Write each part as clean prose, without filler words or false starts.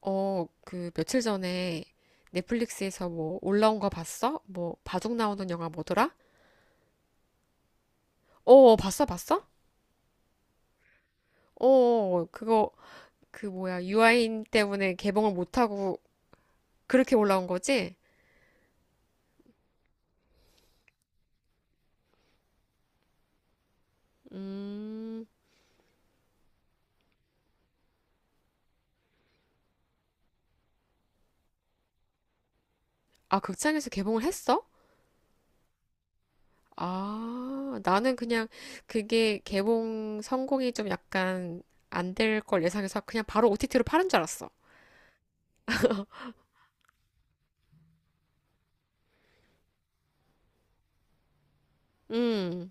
그 며칠 전에 넷플릭스에서 뭐 올라온 거 봤어? 뭐 바둑 나오는 영화 뭐더라? 봤어, 봤어? 그거 그 뭐야, 유아인 때문에 개봉을 못 하고 그렇게 올라온 거지? 음. 아, 극장에서 개봉을 했어? 아, 나는 그냥 그게 개봉 성공이 좀 약간 안될 걸 예상해서 그냥 바로 OTT로 파는 줄 알았어. 음.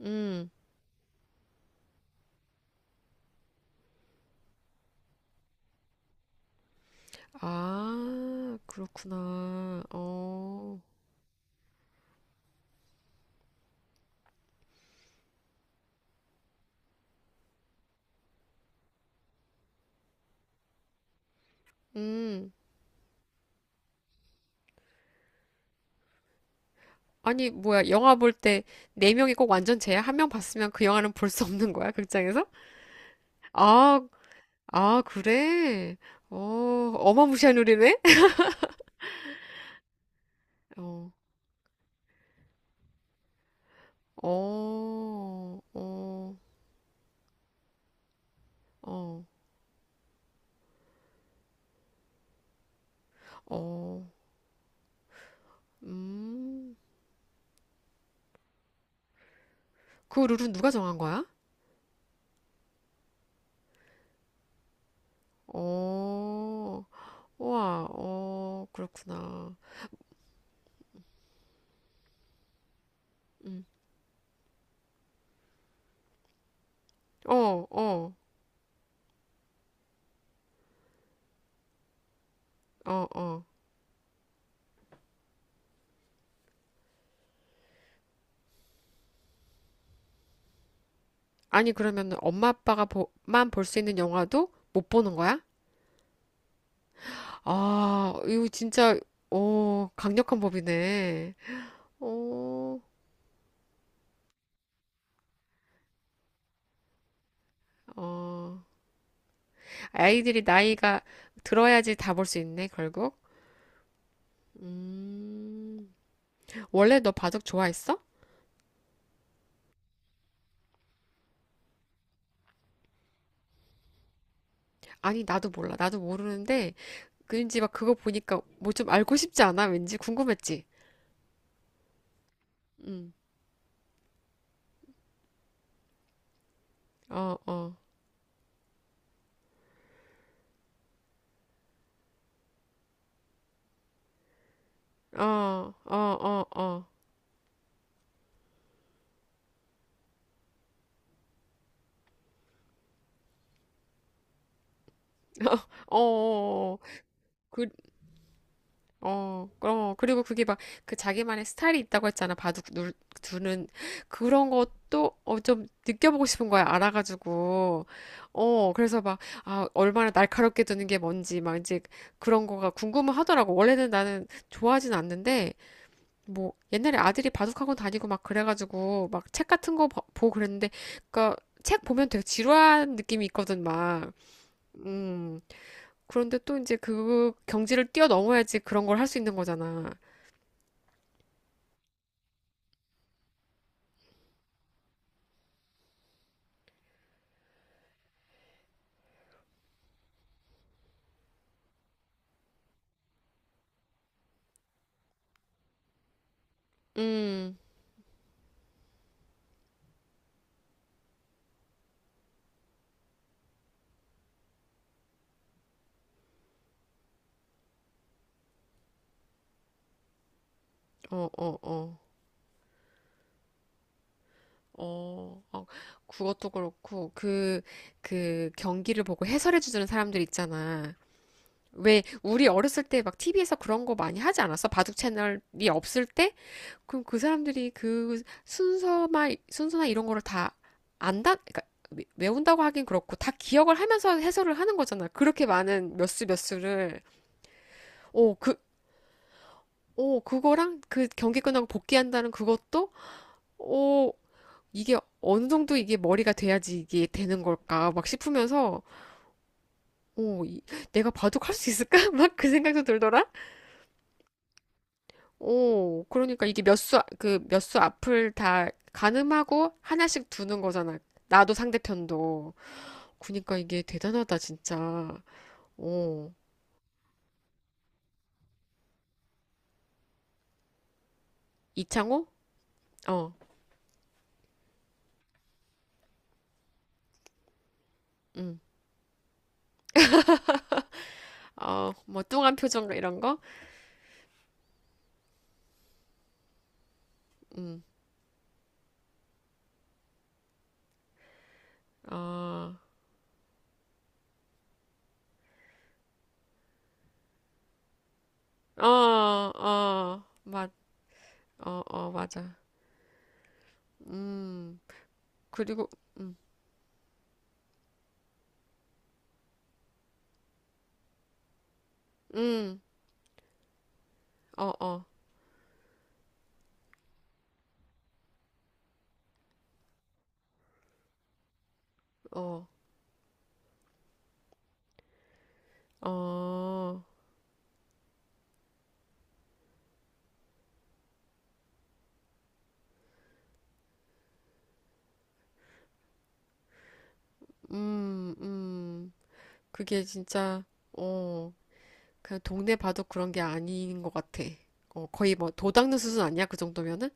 음. 아, 그렇구나. 어. 음. 아니, 뭐야. 영화 볼 때 네명이꼭 완전 쟤야? 한 명 봤으면 그 영화는 볼 수 없는 거야, 극장에서? 아, 그래? 어, 어마무시한 룰이네? 어, 어, 어, 어, 어, 음. 그 룰은 누가 정한 거야? 어, 우와, 어, 그렇구나. 음. 어, 어, 어. 아니, 그러면 엄마 아빠가 보, 만볼 수 있는 영화도 못 보는 거야? 아, 이거 진짜, 오, 강력한 법이네. 어, 어. 아이들이 나이가 들어야지 다 볼 수 있네, 결국. 음. 원래 너 바둑 좋아했어? 아니, 나도 몰라. 왠지 막 그거 보니까 뭐 좀 알고 싶지 않아? 왠지 궁금했지? 음. 어, 어, 어, 어, 어, 어, 어, 어, 어. 어, 어, 그리고 그게 막 그 자기만의 스타일이 있다고 했잖아. 두는 그런 것도 어, 좀 느껴보고 싶은 거야. 알아가지고. 어, 그래서 막, 아, 얼마나 날카롭게 두는 게 뭔지 막 이제 그런 거가 궁금하더라고. 원래는 나는 좋아하진 않는데, 뭐 옛날에 아들이 바둑학원 다니고 막 그래가지고 막 책 같은 거 보- 보고 그랬는데 그니까 책 보면 되게 지루한 느낌이 있거든, 막. 음. 그런데 또 이제 그 경지를 뛰어넘어야지 그런 걸 할 수 있는 거잖아. 음, 어, 어, 어, 어, 그것도 그렇고, 그, 그 경기를 보고 해설해주는 사람들 있잖아. 왜, 우리 어렸을 때 막 TV에서 그런 거 많이 하지 않았어? 바둑 채널이 없을 때? 그럼 그 사람들이 그 순서나 이런 거를 다 안다? 그러니까 외운다고 하긴 그렇고, 다 기억을 하면서 해설을 하는 거잖아. 그렇게 많은 몇 수 몇 수를. 오, 그, 오, 그거랑 그 경기 끝나고 복귀한다는 그것도? 어, 이게 어느 정도 이게 머리가 돼야지 이게 되는 걸까 막 싶으면서 오... 이- 내가 바둑 할 수 있을까? 막 그 생각도 들더라. 오... 그러니까 이게 그 몇 수 앞을 다 가늠하고 하나씩 두는 거잖아. 나도 상대편도. 그러니까 이게 대단하다 진짜. 오... 이창호? 어. 음. 어, 뭐 뚱한 표정 이런 거? 음. 어, 어, 어, 맞, 어, 어, 맞아. 음. 그리고, 음, 음. 어, 어, 어, 어, 음, 음. 그게 진짜, 어, 그냥 동네 봐도 그런 게 아닌 것 같아. 어, 거의 뭐, 도 닦는 수준 아니야? 그 정도면은?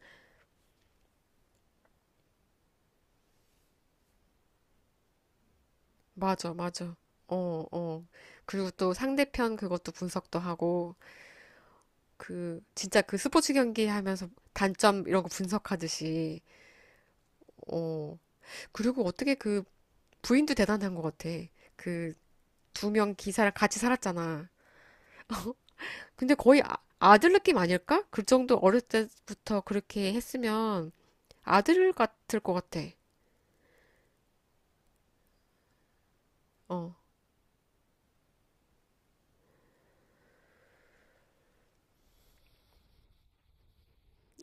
맞아, 맞아. 어, 어. 그리고 또 상대편 그것도 분석도 하고, 그, 진짜 그 스포츠 경기 하면서 단점 이런 거 분석하듯이, 어. 그리고 어떻게 그 부인도 대단한 것 같아. 그, 두 명 기사랑 같이 살았잖아. 근데 거의 아, 아들 느낌 아닐까? 그 정도 어릴 때부터 그렇게 했으면 아들 같을 것 같아. 어,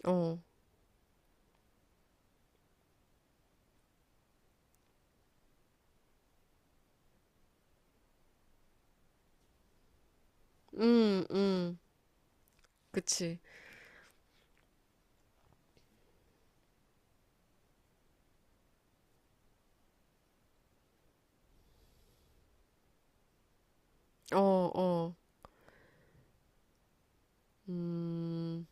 어, 음, 음, 그치. 어, 어, 음,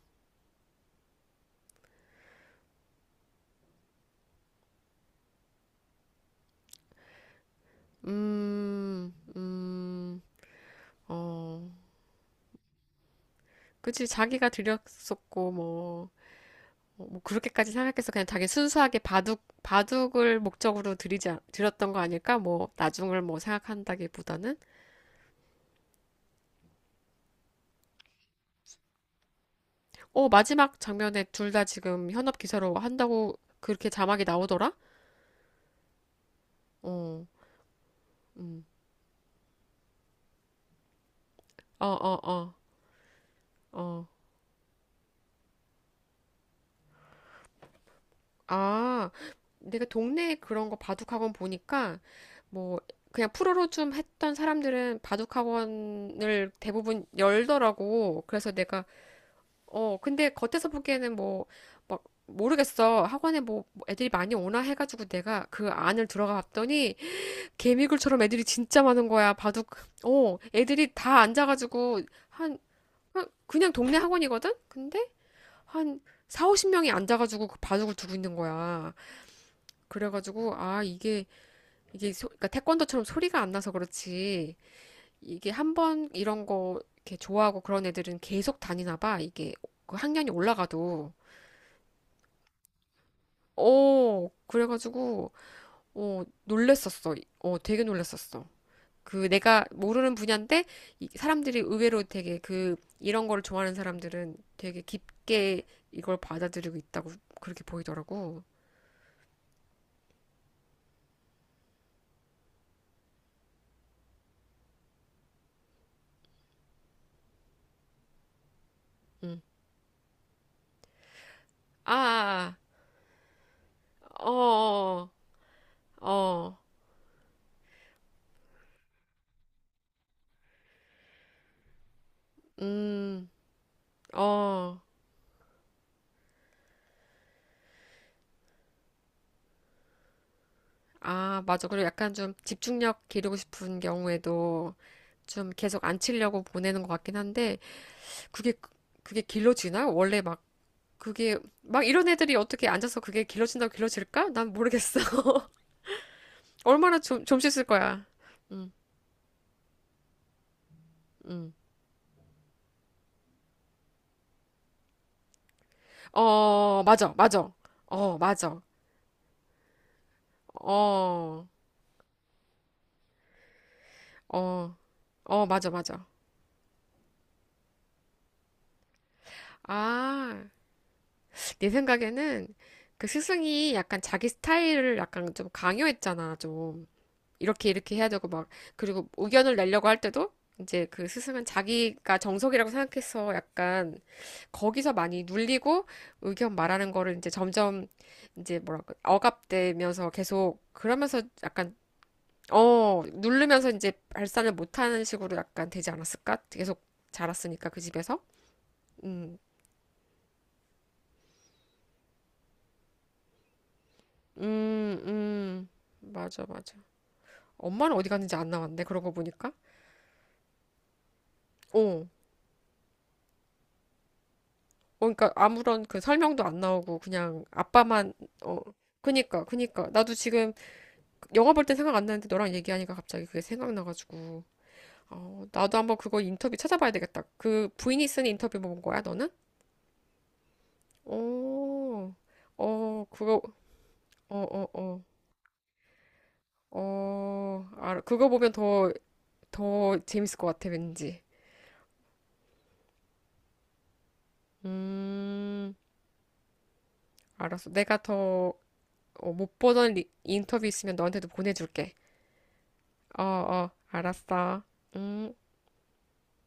음, 음, 어. 그치, 자기가 드렸었고, 뭐, 어, 뭐, 그렇게까지 생각해서 그냥 자기 순수하게 바둑, 바둑을 목적으로 드리지, 않- 드렸던 거 아닐까? 뭐, 나중을 뭐 생각한다기보다는. 어, 마지막 장면에 둘 다 지금 현업 기사로 한다고 그렇게 자막이 나오더라? 어, 음. 어, 어, 어, 어. 아, 내가 동네에 그런 거 바둑학원 보니까 뭐, 그냥 프로로 좀 했던 사람들은 바둑학원을 대부분 열더라고. 그래서 내가 어, 근데 겉에서 보기에는 뭐 막 모르겠어. 학원에 뭐뭐 애들이 많이 오나 해가지고 내가 그 안을 들어가 봤더니 개미굴처럼 애들이 진짜 많은 거야. 바둑. 어, 애들이 다 앉아가지고 한 그냥 동네 학원이거든. 근데 한 4, 50명이 앉아가지고 그 바둑을 두고 있는 거야. 그래가지고 아, 이게 그러니까 태권도처럼 소리가 안 나서 그렇지. 이게 한 번 이런 거 이렇게 좋아하고 그런 애들은 계속 다니나 봐. 이게 그 학년이 올라가도. 어, 그래가지고 어 놀랬었어. 어, 되게 놀랬었어. 그 내가 모르는 분야인데 이 사람들이 의외로 되게 그 이런 거를 좋아하는 사람들은 되게 깊게 이걸 받아들이고 있다고 그렇게 보이더라고. 응. 아, 아, 아. 어. 음, 어, 아, 맞아. 그리고 약간 좀 집중력 기르고 싶은 경우에도 좀 계속 안 치려고 보내는 것 같긴 한데 그게 그게 길러지나? 원래 막 그게 막 이런 애들이 어떻게 앉아서 그게 길러진다고 길러질까? 난 모르겠어. 얼마나 좀, 좀 씻을 거야. 음, 음. 어, 맞아, 맞아. 어, 맞아. 어, 어, 맞아, 맞아. 아, 내 생각에는 그 스승이 약간 자기 스타일을 약간 좀 강요했잖아, 좀. 이렇게, 이렇게 해야 되고, 막. 그리고 의견을 내려고 할 때도 이제 그 스승은 자기가 정석이라고 생각해서 약간 거기서 많이 눌리고 의견 말하는 거를 이제 점점 이제 뭐랄까, 억압되면서 계속 그러면서 약간 어, 누르면서 이제 발산을 못하는 식으로 약간 되지 않았을까? 계속 자랐으니까 그 집에서. 음, 음, 음. 맞아, 맞아. 엄마는 어디 갔는지 안 나왔네. 그러고 보니까. 어, 어, 그러니까 아무런 그 설명도 안 나오고 그냥 아빠만 어, 그니까. 나도 지금 영화 볼 때 생각 안 나는데 너랑 얘기하니까 갑자기 그게 생각나가지고. 어, 나도 한번 그거 인터뷰 찾아봐야 되겠다. 그 부인이 쓴 인터뷰 뭐 본 거야, 너는? 어, 어, 그거, 어, 어, 어. 어, 알아. 그거 보면 더, 더 재밌을 것 같아, 왠지. 음, 알았어. 내가 더, 어, 못 보던 리- 인터뷰 있으면 너한테도 보내줄게. 어, 어, 알았어. 음.